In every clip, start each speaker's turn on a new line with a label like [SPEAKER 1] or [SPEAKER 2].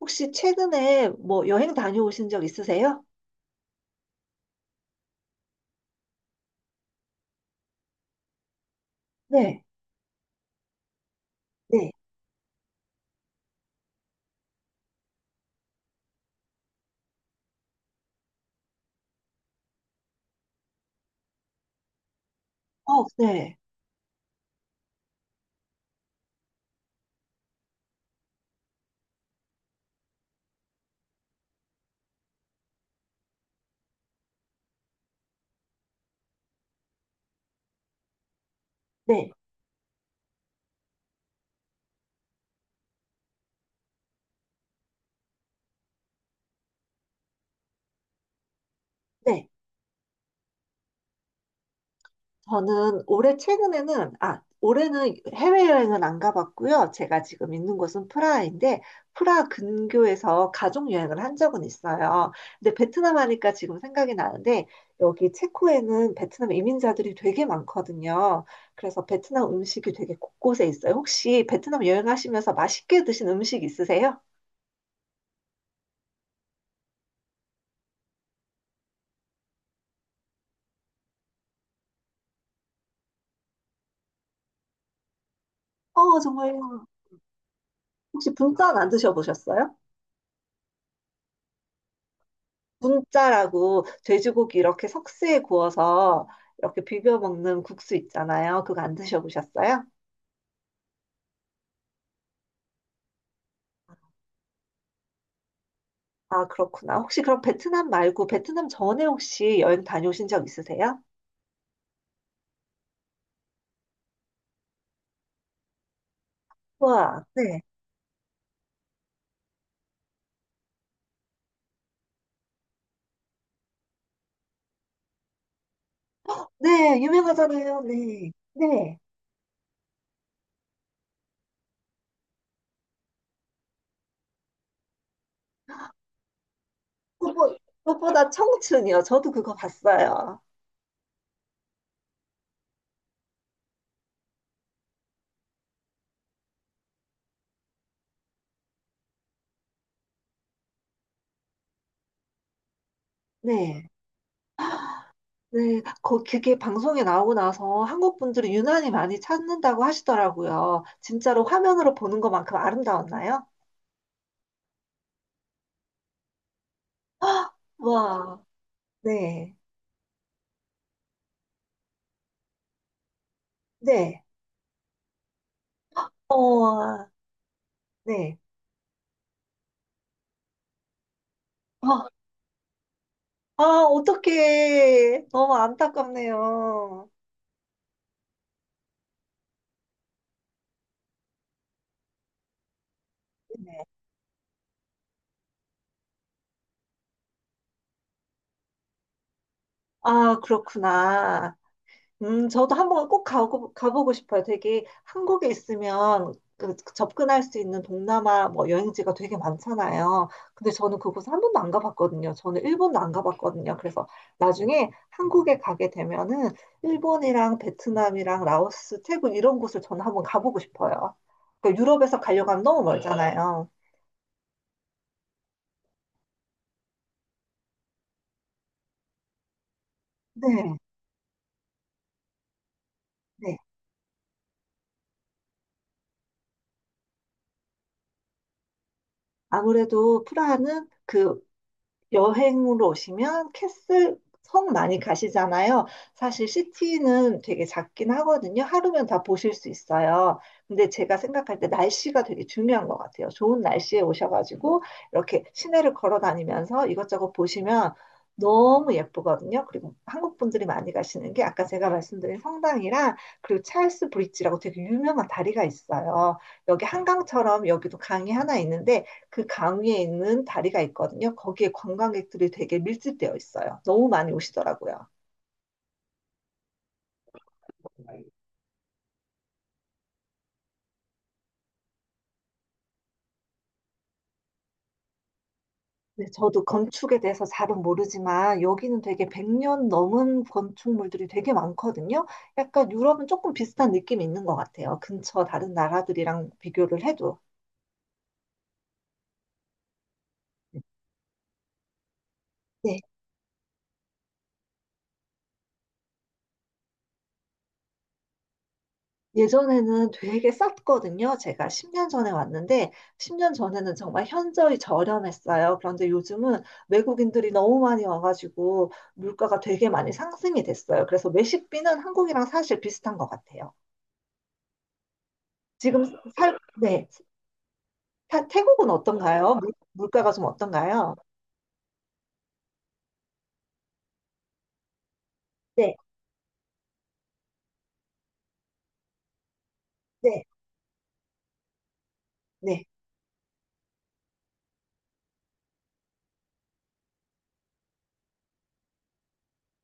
[SPEAKER 1] 혹시 최근에 뭐 여행 다녀오신 적 있으세요? 네, 네, 어, 네, 네, 네. 저는 올해 최근에는, 아, 올해는 해외여행은 안 가봤고요. 제가 지금 있는 곳은 프라하인데, 프라하 근교에서 가족여행을 한 적은 있어요. 근데 베트남 하니까 지금 생각이 나는데, 여기 체코에는 베트남 이민자들이 되게 많거든요. 그래서 베트남 음식이 되게 곳곳에 있어요. 혹시 베트남 여행하시면서 맛있게 드신 음식 있으세요? 어, 정말요. 혹시 분짜 안 드셔보셨어요? 분짜라고 돼지고기 이렇게 석쇠에 구워서 이렇게 비벼 먹는 국수 있잖아요. 그거 안 드셔보셨어요? 아, 그렇구나. 혹시 그럼 베트남 말고 베트남 전에 혹시 여행 다녀오신 적 있으세요? 와, 네. 네, 유명하잖아요. 네. 네. 무엇보- 무엇보다 청춘이요. 저도 그거 봤어요. 네. 네, 그게 방송에 나오고 나서 한국 분들이 유난히 많이 찾는다고 하시더라고요. 진짜로 화면으로 보는 것만큼 아름다웠나요? 와, 네, 네, 어, 네. 아, 아, 어떡해. 너무 안타깝네요. 네. 아, 그렇구나. 저도 한번 꼭 가보고 싶어요. 되게 한국에 있으면 그 접근할 수 있는 동남아 뭐 여행지가 되게 많잖아요. 근데 저는 그곳 한 번도 안 가봤거든요. 저는 일본도 안 가봤거든요. 그래서 나중에 한국에 가게 되면은 일본이랑 베트남이랑 라오스, 태국 이런 곳을 저는 한번 가보고 싶어요. 그러니까 유럽에서 가려고 하면 너무 멀잖아요. 네, 네. 아무래도 프라하는 그 여행으로 오시면 캐슬 섬 많이 가시잖아요. 사실 시티는 되게 작긴 하거든요. 하루면 다 보실 수 있어요. 근데 제가 생각할 때 날씨가 되게 중요한 것 같아요. 좋은 날씨에 오셔가지고 이렇게 시내를 걸어 다니면서 이것저것 보시면 너무 예쁘거든요. 그리고 한국 분들이 많이 가시는 게 아까 제가 말씀드린 성당이랑 그리고 찰스 브릿지라고 되게 유명한 다리가 있어요. 여기 한강처럼 여기도 강이 하나 있는데 그 강 위에 있는 다리가 있거든요. 거기에 관광객들이 되게 밀집되어 있어요. 너무 많이 오시더라고요. 네, 저도 건축에 대해서 잘은 모르지만 여기는 되게 100년 넘은 건축물들이 되게 많거든요. 약간 유럽은 조금 비슷한 느낌이 있는 것 같아요. 근처 다른 나라들이랑 비교를 해도. 네. 예전에는 되게 쌌거든요. 제가 10년 전에 왔는데, 10년 전에는 정말 현저히 저렴했어요. 그런데 요즘은 외국인들이 너무 많이 와가지고 물가가 되게 많이 상승이 됐어요. 그래서 외식비는 한국이랑 사실 비슷한 것 같아요. 지금 살, 네. 태국은 어떤가요? 물가가 좀 어떤가요? 네, 네, 네.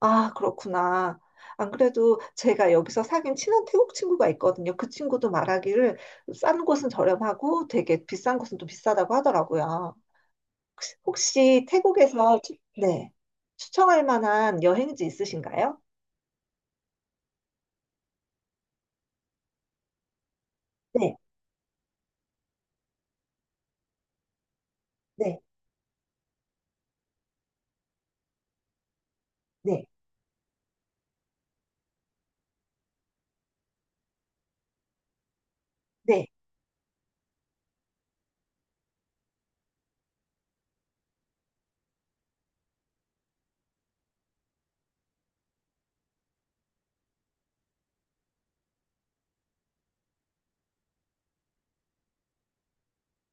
[SPEAKER 1] 아, 그렇구나. 안 그래도 제가 여기서 사귄 친한 태국 친구가 있거든요. 그 친구도 말하기를 싼 곳은 저렴하고 되게 비싼 곳은 또 비싸다고 하더라고요. 혹시 태국에서 네, 추천할 만한 여행지 있으신가요? 네, 네, 네, 네,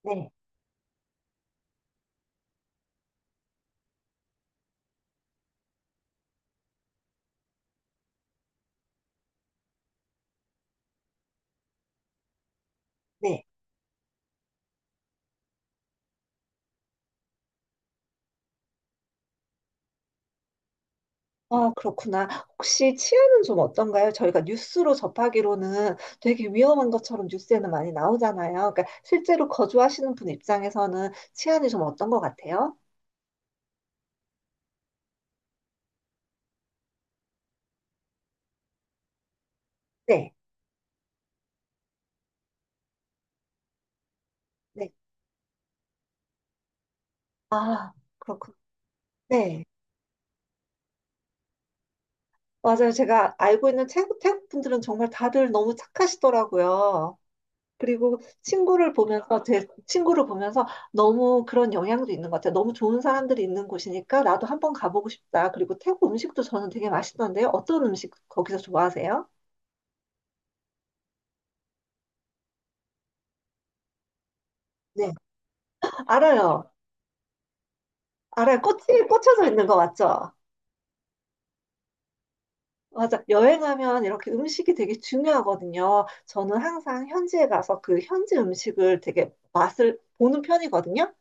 [SPEAKER 1] 네, 네. 아, 그렇구나. 혹시 치안은 좀 어떤가요? 저희가 뉴스로 접하기로는 되게 위험한 것처럼 뉴스에는 많이 나오잖아요. 그러니까 실제로 거주하시는 분 입장에서는 치안이 좀 어떤 것 같아요? 네. 네. 아, 그렇군. 네. 맞아요. 제가 알고 있는 태국 분들은 정말 다들 너무 착하시더라고요. 그리고 친구를 보면서, 제 친구를 보면서 너무 그런 영향도 있는 것 같아요. 너무 좋은 사람들이 있는 곳이니까 나도 한번 가보고 싶다. 그리고 태국 음식도 저는 되게 맛있던데요. 어떤 음식 거기서 좋아하세요? 네. 알아요. 알아요. 꽃이 꽂혀져 있는 거 맞죠? 맞아. 여행하면 이렇게 음식이 되게 중요하거든요. 저는 항상 현지에 가서 그 현지 음식을 되게 맛을 보는 편이거든요.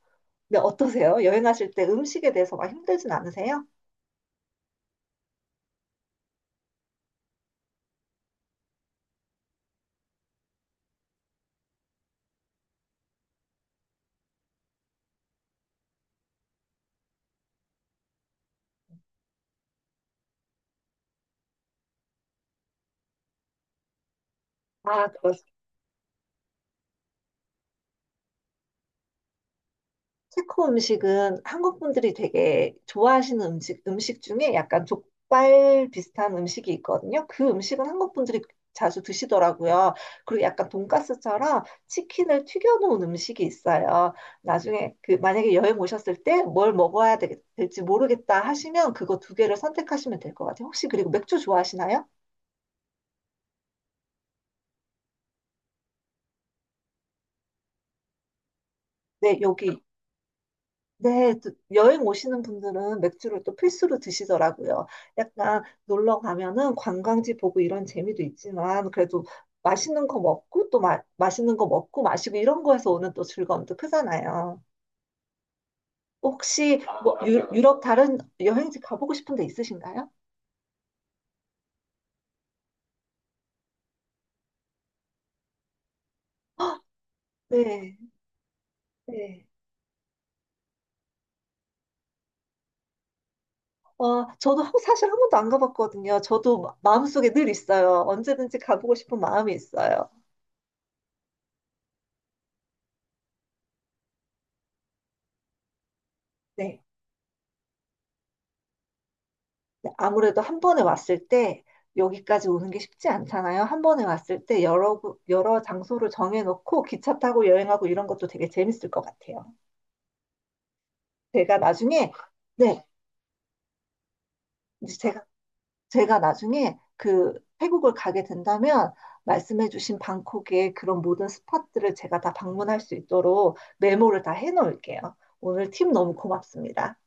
[SPEAKER 1] 근데 어떠세요? 여행하실 때 음식에 대해서 막 힘들진 않으세요? 아, 체코 음식은 한국 분들이 되게 좋아하시는 음식 중에 약간 족발 비슷한 음식이 있거든요. 그 음식은 한국 분들이 자주 드시더라고요. 그리고 약간 돈가스처럼 치킨을 튀겨놓은 음식이 있어요. 나중에 그 만약에 여행 오셨을 때 뭘 먹어야 될지 모르겠다 하시면 그거 두 개를 선택하시면 될 것 같아요. 혹시 그리고 맥주 좋아하시나요? 네, 여기 네, 또 여행 오시는 분들은 맥주를 또 필수로 드시더라고요. 약간 놀러 가면은 관광지 보고 이런 재미도 있지만 그래도 맛있는 거 먹고 또 맛있는 거 먹고 마시고 이런 거에서 오는 또 즐거움도 크잖아요. 혹시 아, 뭐 유럽 다른 여행지 가보고 싶은 데 있으신가요? 네, 네. 어, 저도 사실 한 번도 안 가봤거든요. 저도 마음속에 늘 있어요. 언제든지 가보고 싶은 마음이 있어요. 네. 네, 아무래도 한 번에 왔을 때 여기까지 오는 게 쉽지 않잖아요. 한 번에 왔을 때 여러, 여러 장소를 정해놓고 기차 타고 여행하고 이런 것도 되게 재밌을 것 같아요. 제가 나중에, 네, 이제 제가, 제가 나중에 그 태국을 가게 된다면 말씀해주신 방콕의 그런 모든 스팟들을 제가 다 방문할 수 있도록 메모를 다 해놓을게요. 오늘 팁 너무 고맙습니다.